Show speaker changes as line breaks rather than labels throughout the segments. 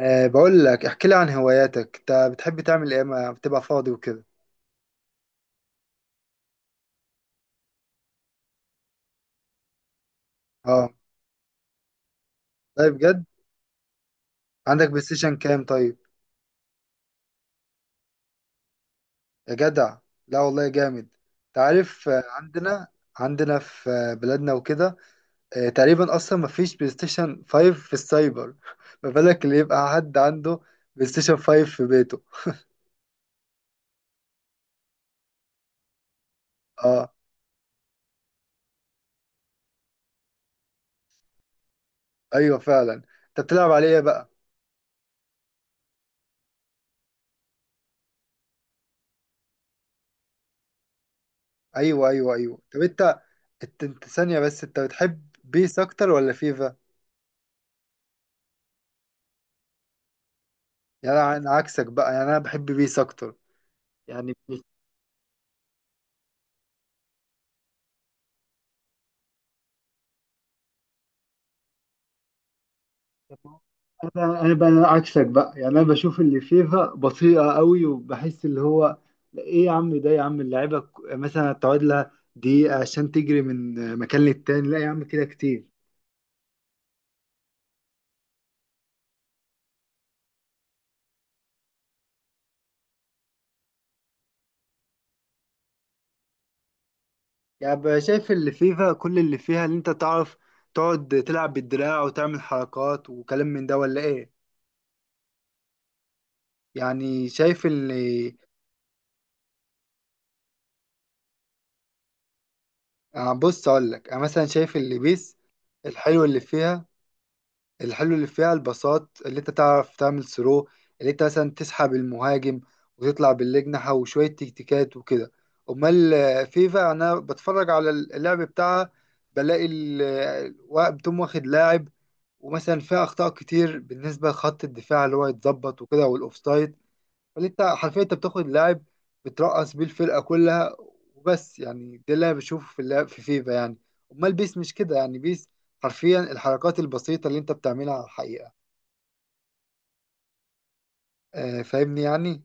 بقول لك، احكي لي عن هواياتك، انت بتحب تعمل ايه ما بتبقى فاضي وكده؟ اه، طيب، بجد؟ عندك بلاي ستيشن كام طيب؟ يا جدع، لا والله جامد. انت عارف، عندنا في بلادنا وكده، تقريبا اصلا ما فيش بلاي ستيشن 5 في السايبر ما بالك اللي يبقى حد عنده بلاي ستيشن 5 في بيته. اه، ايوه، فعلا. انت بتلعب عليه إيه بقى؟ ايوه، ايوه، ايوه. طب، انت ثانيه بس، انت بتحب بيس اكتر ولا فيفا؟ يعني انا عكسك بقى، يعني انا بحب بيس اكتر، يعني انا بقى عكسك بقى، يعني انا بشوف اللي فيفا بطيئه قوي، وبحس اللي هو ايه يا عم، ده يا عم اللعيبه مثلا تقعد لها دقيقه عشان تجري من مكان للتاني، لا يا عم كده كتير. يعني بقى شايف اللي فيفا كل اللي فيها، اللي انت تعرف تقعد تلعب بالدراع وتعمل حركات وكلام من ده ولا ايه؟ يعني شايف اللي بص اقول لك، انا مثلا شايف اللي بيس الحلو اللي فيها الحلو اللي فيها الباصات اللي انت تعرف تعمل ثرو، اللي انت مثلا تسحب المهاجم وتطلع بالاجنحة وشوية تكتيكات وكده. امال فيفا، انا بتفرج على اللعب بتاعها بلاقي بتقوم واخد لاعب، ومثلا فيها اخطاء كتير بالنسبة لخط الدفاع اللي هو يتظبط وكده، والاوفسايد، فاللي انت حرفيا انت بتاخد لاعب بترقص بيه الفرقه كلها وبس. يعني ده اللي انا بشوفه في اللعب في فيفا يعني. امال بيس مش كده، يعني بيس حرفيا الحركات البسيطه اللي انت بتعملها على الحقيقه، فاهمني يعني؟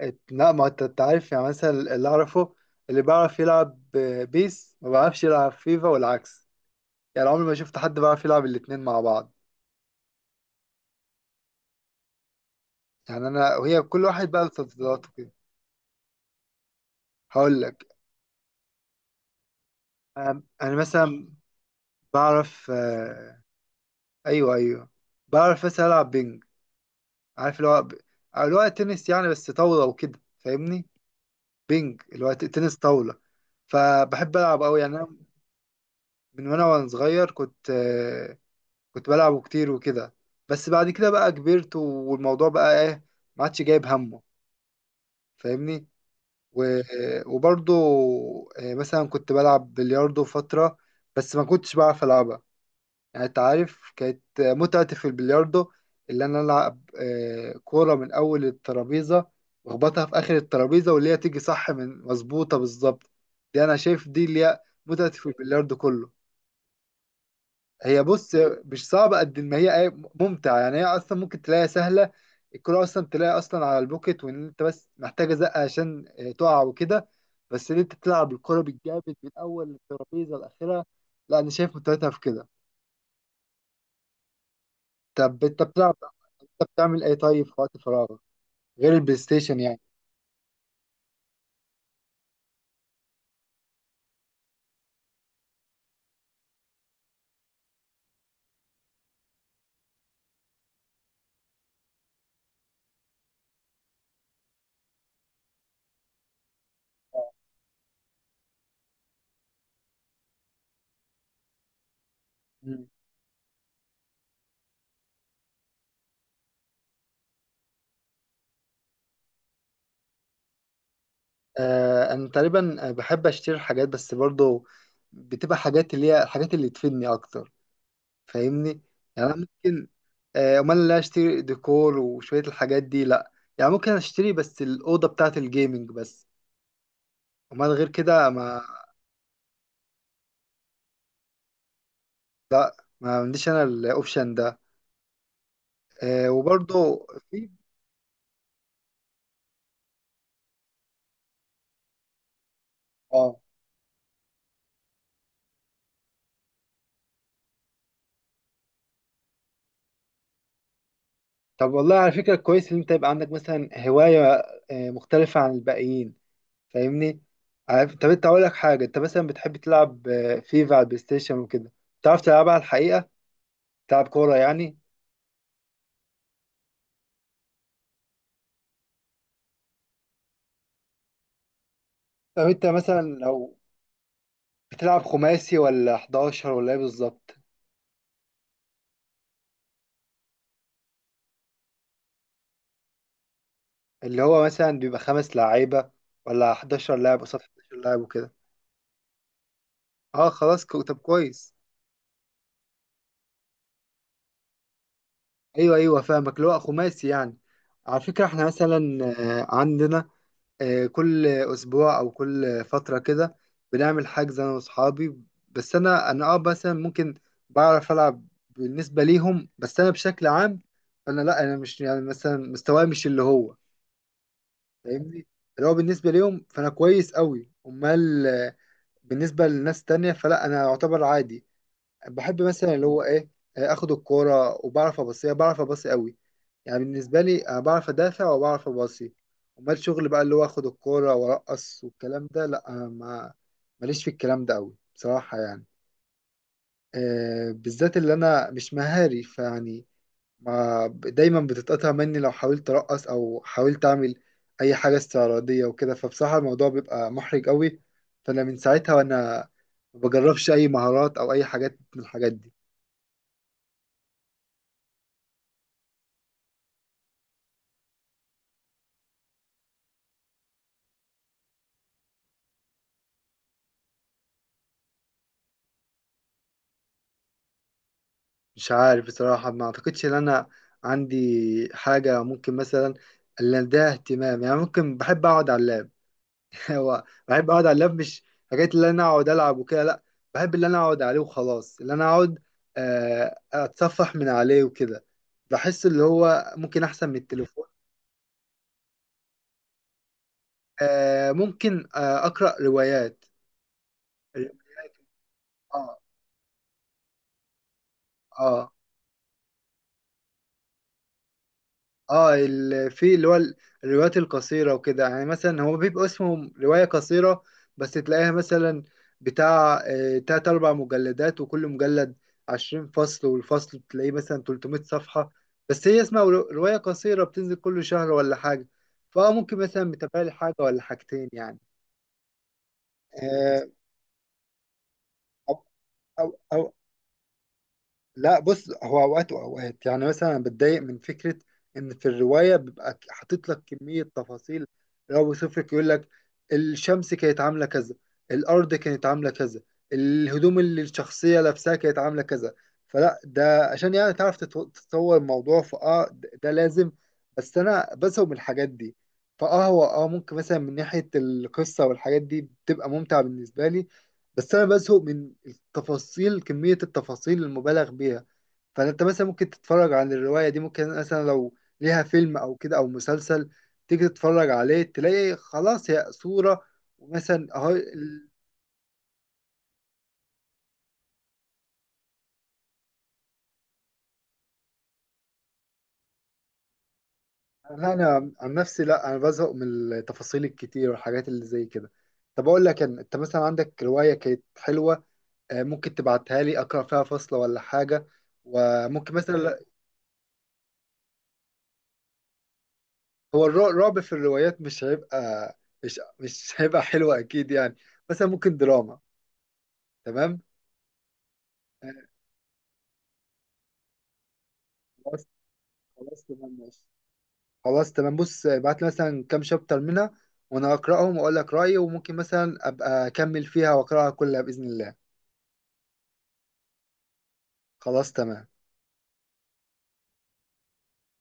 لا، ما انت عارف يعني، مثلا اللي اعرفه، اللي بيعرف يلعب بيس ما بيعرفش يلعب فيفا والعكس. يعني عمري ما شفت حد بيعرف يلعب الاتنين مع بعض، يعني انا وهي كل واحد بقى له تفضيلاته كده. هقول لك، انا مثلا بعرف، ايوه، ايوه، بعرف بس العب بينج. عارف اللي هو اللي هو تنس يعني بس طاوله وكده، فاهمني؟ بينج اللي هو تنس طاوله، فبحب العب قوي يعني انا. من وانا صغير كنت بلعبه كتير وكده، بس بعد كده بقى كبرت، والموضوع بقى ايه، ما عادش جايب همه، فاهمني. و- وبرضه مثلا كنت بلعب بلياردو فتره، بس ما كنتش بعرف العبها. يعني انت عارف، كانت متعتي في البلياردو اللي انا العب كوره من اول الترابيزه، واخبطها في اخر الترابيزه، واللي هي تيجي صح من مظبوطه بالظبط. دي انا شايف دي اللي هي متعتي في البلياردو كله. هي بص، مش صعبه قد ما هي ايه، ممتعه يعني. هي اصلا ممكن تلاقيها سهله، الكوره اصلا تلاقيها اصلا على البوكت، وان انت بس محتاجه زقه عشان تقع وكده، بس ان انت تلعب الكوره بالجامد من اول الترابيزه لاخرها، لا انا شايف متعتها في كده. طب، انت بتلعب، انت بتعمل ايه طيب في وقت فراغك غير البلاي ستيشن يعني؟ مم. انا تقريبا بحب اشتري حاجات، بس برضو بتبقى حاجات اللي هي الحاجات اللي تفيدني اكتر، فاهمني؟ يعني انا ممكن امال لا اشتري ديكور وشوية الحاجات دي لا، يعني ممكن اشتري بس الأوضة بتاعة الجيمنج بس، امال غير كده ما عنديش انا الاوبشن ده. وبرضه في اه طب والله على فكرة كويس ان انت يبقى عندك مثلا هواية مختلفة عن الباقيين، فاهمني؟ عارف؟ طب، انت اقول لك حاجه، انت مثلا بتحب تلعب فيفا على البلاي ستيشن وكده، بتعرف تلعبها على الحقيقه، تلعب كوره يعني؟ طب انت مثلا لو بتلعب خماسي ولا 11 ولا ايه بالظبط؟ اللي هو مثلا بيبقى 5 لعيبه ولا 11 لاعب قصاد 11 لاعب وكده؟ اه، خلاص، طب كويس. ايوه، ايوه، فاهمك، اللي هو خماسي يعني. على فكره احنا مثلا عندنا كل اسبوع او كل فتره كده بنعمل حجز انا واصحابي، بس انا مثلا ممكن بعرف العب بالنسبه ليهم، بس انا بشكل عام فانا لا، انا مش يعني مثلا مستواي مش اللي هو، فاهمني، اللي هو بالنسبه ليهم فانا كويس قوي، امال بالنسبه لناس تانية فلا، انا اعتبر عادي. بحب مثلا اللي هو ايه، اخد الكوره وبعرف ابصيها، بعرف ابصي قوي، يعني بالنسبه لي انا بعرف ادافع وبعرف ابصي. امال شغل بقى اللي هو اخد الكوره وارقص والكلام ده لا، أنا ما ماليش في الكلام ده قوي بصراحه يعني، بالذات اللي انا مش مهاري فيعني، ما دايما بتتقطع مني لو حاولت ارقص او حاولت اعمل اي حاجه استعراضيه وكده، فبصراحه الموضوع بيبقى محرج قوي، فانا من ساعتها وانا ما بجربش اي مهارات او اي حاجات من الحاجات دي. مش عارف بصراحة، ما أعتقدش إن أنا عندي حاجة ممكن مثلا اللي ده اهتمام يعني. ممكن بحب أقعد على اللاب هو بحب أقعد على اللاب، مش حكاية اللي أنا أقعد ألعب وكده لأ، بحب اللي أنا أقعد عليه وخلاص، اللي أنا أقعد أتصفح من عليه وكده، بحس اللي هو ممكن أحسن من التليفون. ممكن أقرأ روايات. روايات، آه، آه. اه، في اللي هو الروايات القصيرة وكده يعني، مثلا هو بيبقى اسمه رواية قصيرة، بس تلاقيها مثلا بتاع 3-4 مجلدات، وكل مجلد 20 فصل، والفصل بتلاقيه مثلا 300 صفحة، بس هي اسمها رواية قصيرة بتنزل كل شهر ولا حاجة، فممكن مثلا متابع لي حاجة ولا حاجتين يعني. آه، أو أو أو لا بص، هو اوقات واوقات يعني، مثلا أنا بتضايق من فكره ان في الروايه بيبقى حاطط لك كميه تفاصيل، لو بيوصف لك يقول لك الشمس كانت عامله كذا، الارض كانت عامله كذا، الهدوم اللي الشخصيه لابساها كانت عامله كذا، فلا ده عشان يعني تعرف تتصور الموضوع، ده لازم، بس انا بزهق من الحاجات دي. هو ممكن مثلا من ناحيه القصه والحاجات دي بتبقى ممتع بالنسبه لي، بس انا بزهق من التفاصيل، كمية التفاصيل المبالغ بيها، فانت مثلا ممكن تتفرج عن الرواية دي، ممكن مثلا لو ليها فيلم او كده او مسلسل، تيجي تتفرج عليه تلاقي خلاص هي صورة، ومثلا اهو لا انا عن نفسي، لا انا بزهق من التفاصيل الكتير والحاجات اللي زي كده. طب اقول لك أنا، انت مثلا عندك رواية كانت حلوة، ممكن تبعتها لي اقرا فيها فصلة ولا حاجة، وممكن مثلا، هو الرعب في الروايات مش هيبقى، مش هيبقى حلو اكيد يعني، مثلا ممكن دراما، تمام. آه، خلاص، خلاص تمام، ماشي، خلاص تمام، بص ابعت لي مثلا كام شابتر منها وانا اقراهم واقول لك رايي، وممكن مثلا ابقى اكمل فيها واقراها كلها باذن الله. خلاص تمام